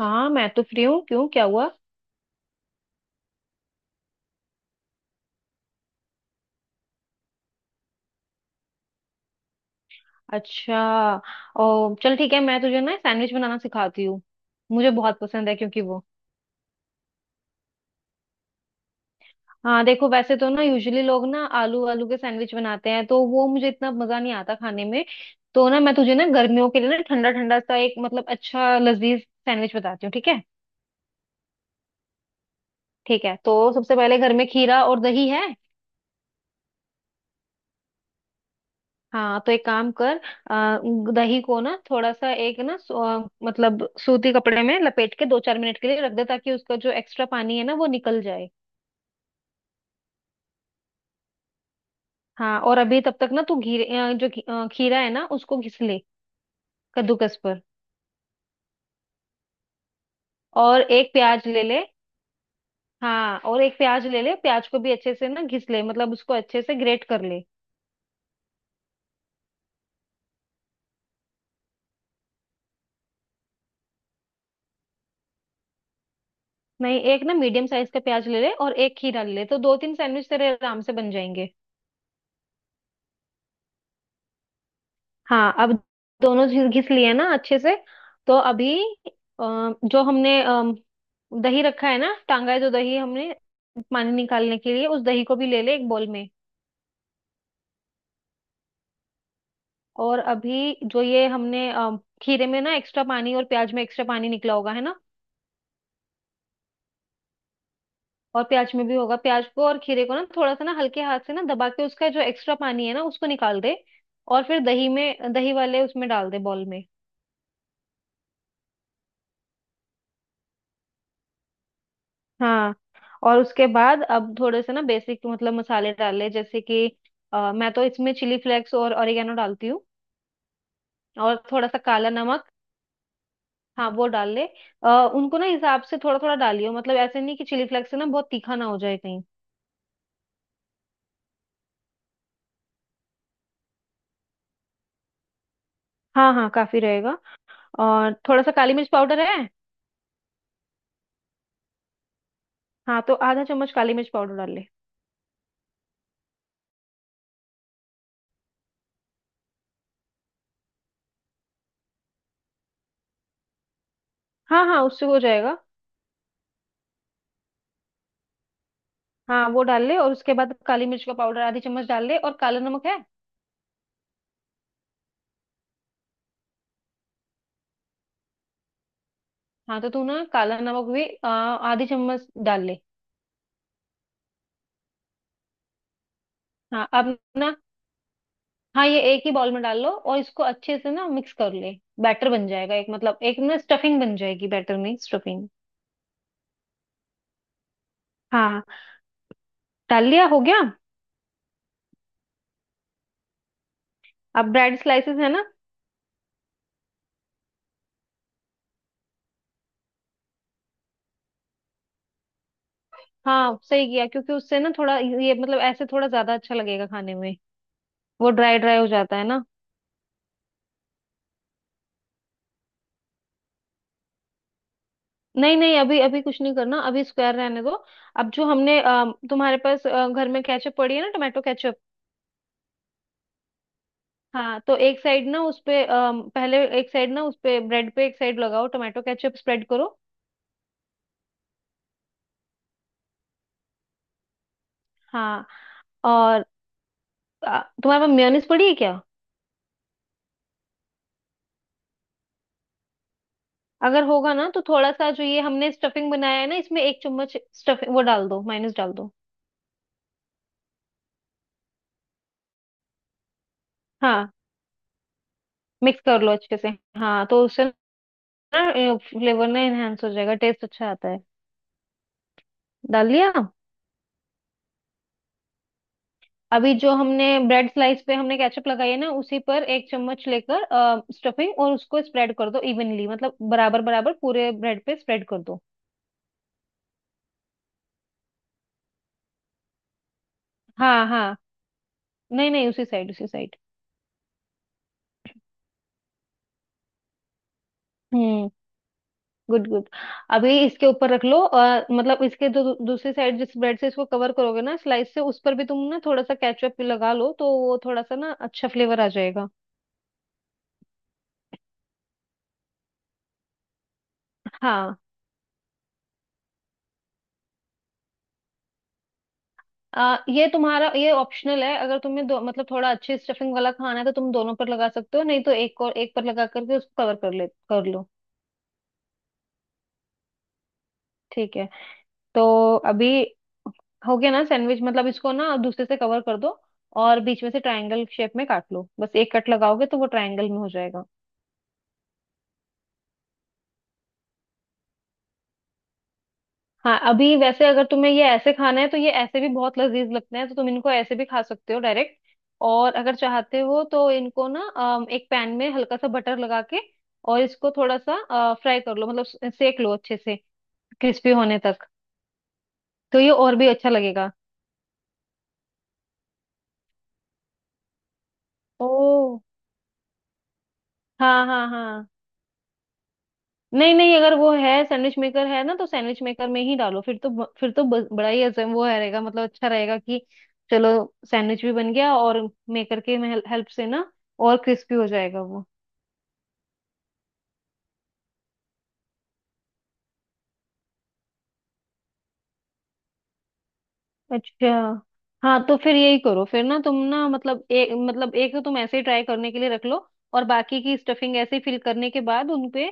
हाँ मैं तो फ्री हूँ। क्यों क्या हुआ? अच्छा। ओ चल ठीक है, मैं तुझे ना सैंडविच बनाना सिखाती हूँ। मुझे बहुत पसंद है क्योंकि वो हाँ देखो, वैसे तो ना यूजुअली लोग ना आलू आलू के सैंडविच बनाते हैं तो वो मुझे इतना मजा नहीं आता खाने में। तो ना मैं तुझे ना गर्मियों के लिए ना ठंडा ठंडा सा एक मतलब अच्छा लजीज सैंडविच बताती हूँ, ठीक है? ठीक है, तो सबसे पहले घर में खीरा और दही है। हाँ तो एक काम कर, आ, दही को ना थोड़ा सा एक ना मतलब सूती कपड़े में लपेट के दो चार मिनट के लिए रख दे ताकि उसका जो एक्स्ट्रा पानी है ना वो निकल जाए। हाँ और अभी तब तक ना तू घी अ, जो घी- अ, खीरा है ना उसको घिस ले, कद्दूकस पर। और एक प्याज ले ले। हाँ और एक प्याज ले ले, प्याज को भी अच्छे से ना घिस ले, मतलब उसको अच्छे से ग्रेट कर ले। नहीं, एक ना मीडियम साइज का प्याज ले ले और एक खीरा ले ले, तो दो तीन सैंडविच तेरे आराम से बन जाएंगे। हाँ अब, दोनों चीज घिस लिए ना अच्छे से? तो अभी अ, जो हमने दही रखा है ना, टांगा है जो दही हमने पानी निकालने के लिए, उस दही को भी ले ले एक बोल में। और अभी जो ये हमने खीरे में ना एक्स्ट्रा पानी और प्याज में एक्स्ट्रा पानी निकला होगा है ना। और प्याज में भी होगा, प्याज को और खीरे को ना थोड़ा सा ना हल्के हाथ से ना दबा के उसका जो एक्स्ट्रा पानी है ना उसको निकाल दे। और फिर दही में, दही वाले उसमें डाल दे बॉल में। हाँ और उसके बाद अब थोड़े से ना बेसिक मतलब मसाले डाले, जैसे कि मैं तो इसमें चिली फ्लेक्स और ऑरिगेनो डालती हूँ। और थोड़ा सा काला नमक, हाँ वो डाल ले। अ, उनको ना हिसाब से थोड़ा थोड़ा डालियो, मतलब ऐसे नहीं कि चिली फ्लेक्स से ना बहुत तीखा ना हो जाए कहीं। हाँ हाँ, काफी रहेगा। और थोड़ा सा काली मिर्च पाउडर है? हाँ तो आधा चम्मच काली मिर्च पाउडर डाल ले। हाँ हाँ उससे हो जाएगा। हाँ वो डाल ले और उसके बाद काली मिर्च का पाउडर आधी चम्मच डाल ले। और काला नमक है? हाँ तो तू ना काला नमक भी आधी चम्मच डाल ले। हाँ अब ना, हाँ ये एक ही बाउल में डाल लो और इसको अच्छे से ना मिक्स कर ले। बैटर बन जाएगा एक मतलब एक ना स्टफिंग बन जाएगी, बैटर में स्टफिंग। हाँ, डाल लिया, हो गया? अब ब्रेड स्लाइसेस है ना। हाँ सही किया, क्योंकि उससे ना थोड़ा ये मतलब ऐसे थोड़ा ज्यादा अच्छा लगेगा खाने में। वो ड्राई ड्राई हो जाता है ना। नहीं नहीं अभी अभी कुछ नहीं करना, अभी स्क्वायर रहने दो। अब जो हमने तुम्हारे पास घर में केचप पड़ी है ना, टोमेटो केचप। हाँ तो एक साइड ना उस पे पहले एक साइड ना उस पे ब्रेड पे एक साइड लगाओ, टोमेटो केचप स्प्रेड करो। हाँ और तुम्हारे पास मेयोनीज पड़ी है क्या? अगर होगा ना, तो थोड़ा सा जो ये हमने स्टफिंग बनाया है ना, इसमें एक चम्मच स्टफिंग वो डाल दो, माइनस डाल दो। हाँ, मिक्स कर लो अच्छे से। हाँ तो उससे ना फ्लेवर ना एनहेंस हो जाएगा, टेस्ट अच्छा आता है। डाल दिया? अभी जो हमने ब्रेड स्लाइस पे हमने केचप लगाई है ना, उसी पर एक चम्मच लेकर स्टफिंग, और उसको स्प्रेड कर दो इवनली, मतलब बराबर बराबर पूरे ब्रेड पे स्प्रेड कर दो। हाँ हाँ, नहीं नहीं, उसी साइड, उसी साइड। हम्म। Good good. अभी इसके ऊपर रख लो और मतलब इसके जो दूसरी साइड जिस ब्रेड से इसको कवर करोगे ना स्लाइस से, उस पर भी तुम ना थोड़ा सा केचप लगा लो, तो वो थोड़ा सा ना अच्छा फ्लेवर आ जाएगा। हाँ ये तुम्हारा ये ऑप्शनल है, अगर तुम्हें दो मतलब थोड़ा अच्छे स्टफिंग वाला खाना है तो तुम दोनों पर लगा सकते हो, नहीं तो एक और एक पर लगा करके उसको कवर कर ले, कर लो। ठीक है, तो अभी, हो गया ना सैंडविच, मतलब इसको ना दूसरे से कवर कर दो, और बीच में से ट्रायंगल शेप में काट लो, बस एक कट लगाओगे तो वो ट्रायंगल में हो जाएगा। हाँ अभी वैसे अगर तुम्हें ये ऐसे खाना है तो ये ऐसे भी बहुत लजीज लगते हैं, तो तुम इनको ऐसे भी खा सकते हो डायरेक्ट। और अगर चाहते हो तो इनको ना एक पैन में हल्का सा बटर लगा के, और इसको थोड़ा सा फ्राई कर लो, मतलब सेक लो अच्छे से, क्रिस्पी होने तक। तो ये और भी अच्छा लगेगा। ओ, हाँ हाँ हाँ, नहीं नहीं, अगर वो है, सैंडविच मेकर है ना, तो सैंडविच मेकर में ही डालो, फिर तो फिर तो बड़ा ही अच्छा वो है रहेगा, मतलब अच्छा रहेगा कि, चलो, सैंडविच भी बन गया और मेकर के हेल्प से ना और क्रिस्पी हो जाएगा वो। अच्छा हाँ, तो फिर यही करो, फिर ना तुम ना मतलब एक तो तुम ऐसे ही ट्राई करने के लिए रख लो, और बाकी की स्टफिंग ऐसे ही फिल करने के बाद उनपे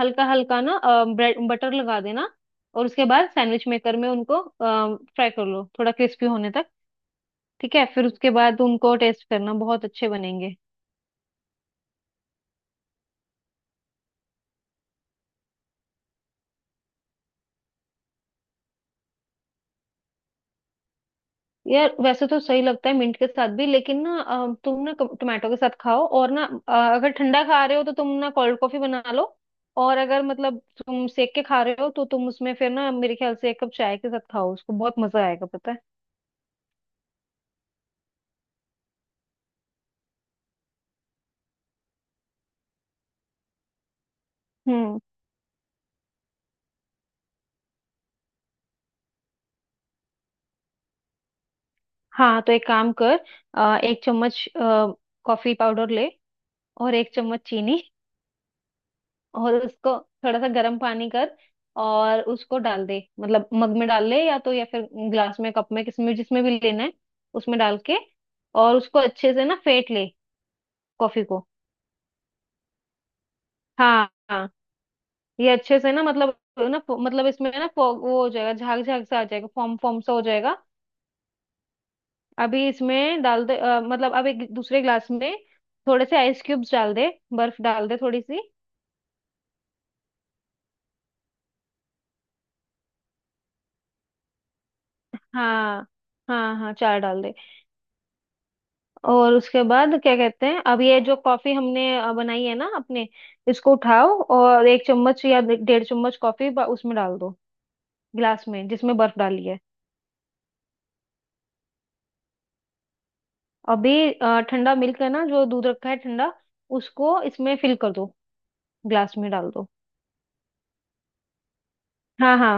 हल्का हल्का ना ब्रेड बटर लगा देना, और उसके बाद सैंडविच मेकर में उनको फ्राई कर लो थोड़ा क्रिस्पी होने तक। ठीक है, फिर उसके बाद उनको टेस्ट करना, बहुत अच्छे बनेंगे। यार वैसे तो सही लगता है मिंट के साथ भी, लेकिन ना तुम ना टोमेटो के साथ खाओ और ना अगर ठंडा खा रहे हो तो तुम ना कोल्ड कॉफी बना लो, और अगर मतलब तुम सेक के खा रहे हो तो तुम उसमें फिर ना मेरे ख्याल से एक कप चाय के साथ खाओ, उसको बहुत मजा आएगा पता है। हम्म। हाँ तो एक काम कर, एक चम्मच कॉफी पाउडर ले, और एक चम्मच चीनी, और उसको थोड़ा सा गर्म पानी कर और उसको डाल दे, मतलब मग में डाल ले या तो या फिर ग्लास में, कप में, किसमें जिसमें भी लेना है, उसमें डाल के, और उसको अच्छे से ना फेंट ले, कॉफी को। हाँ हाँ, ये अच्छे से ना मतलब इसमें ना वो हो जाएगा, झाग झाग सा आ जाएगा, फॉर्म फॉर्म सा हो जाएगा। अभी इसमें डाल दे मतलब अब एक दूसरे ग्लास में थोड़े से आइस क्यूब्स डाल दे, बर्फ डाल दे थोड़ी सी। हाँ हाँ हाँ, चार डाल दे। और उसके बाद क्या कहते हैं, अब ये जो कॉफी हमने बनाई है ना अपने, इसको उठाओ और एक चम्मच या डेढ़ चम्मच कॉफी उसमें डाल दो, गिलास में जिसमें बर्फ डाली है। अभी ठंडा मिल्क है ना, जो दूध रखा है ठंडा, उसको इसमें फिल कर दो, ग्लास में डाल दो। हाँ हाँ।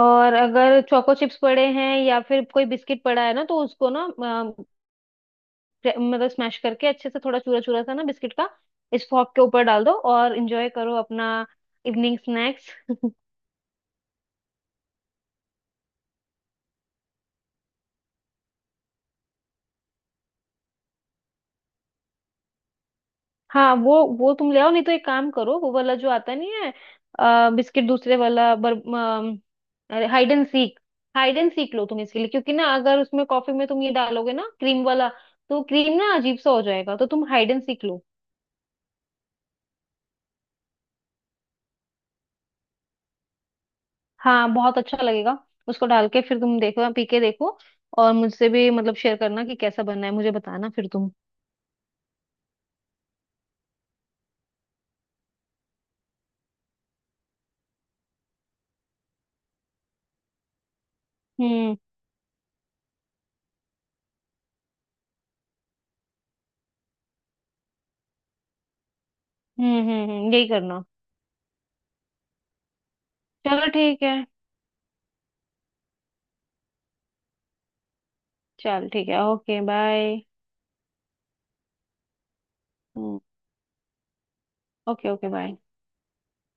और अगर चोको चिप्स पड़े हैं या फिर कोई बिस्किट पड़ा है ना, तो उसको ना मतलब स्मैश करके अच्छे से थोड़ा चूरा चूरा सा ना बिस्किट का, इस फॉग के ऊपर डाल दो और एंजॉय करो अपना इवनिंग स्नैक्स। हाँ वो तुम ले आओ, नहीं तो एक काम करो, वो वाला जो आता नहीं है, बिस्किट दूसरे वाला अरे hide and seek, hide and seek लो तुम इसके लिए, क्योंकि ना अगर उसमें कॉफी में तुम ये डालोगे ना क्रीम वाला, तो क्रीम ना अजीब सा हो जाएगा, तो तुम हाइड एंड सीक लो। हाँ बहुत अच्छा लगेगा, उसको डाल के फिर तुम देखो, पी के देखो, और मुझसे भी मतलब शेयर करना कि कैसा बनना है, मुझे बताना फिर तुम। हम्म यही करना। चलो ठीक है। चल ठीक है, ओके बाय। हम्म, ओके ओके बाय।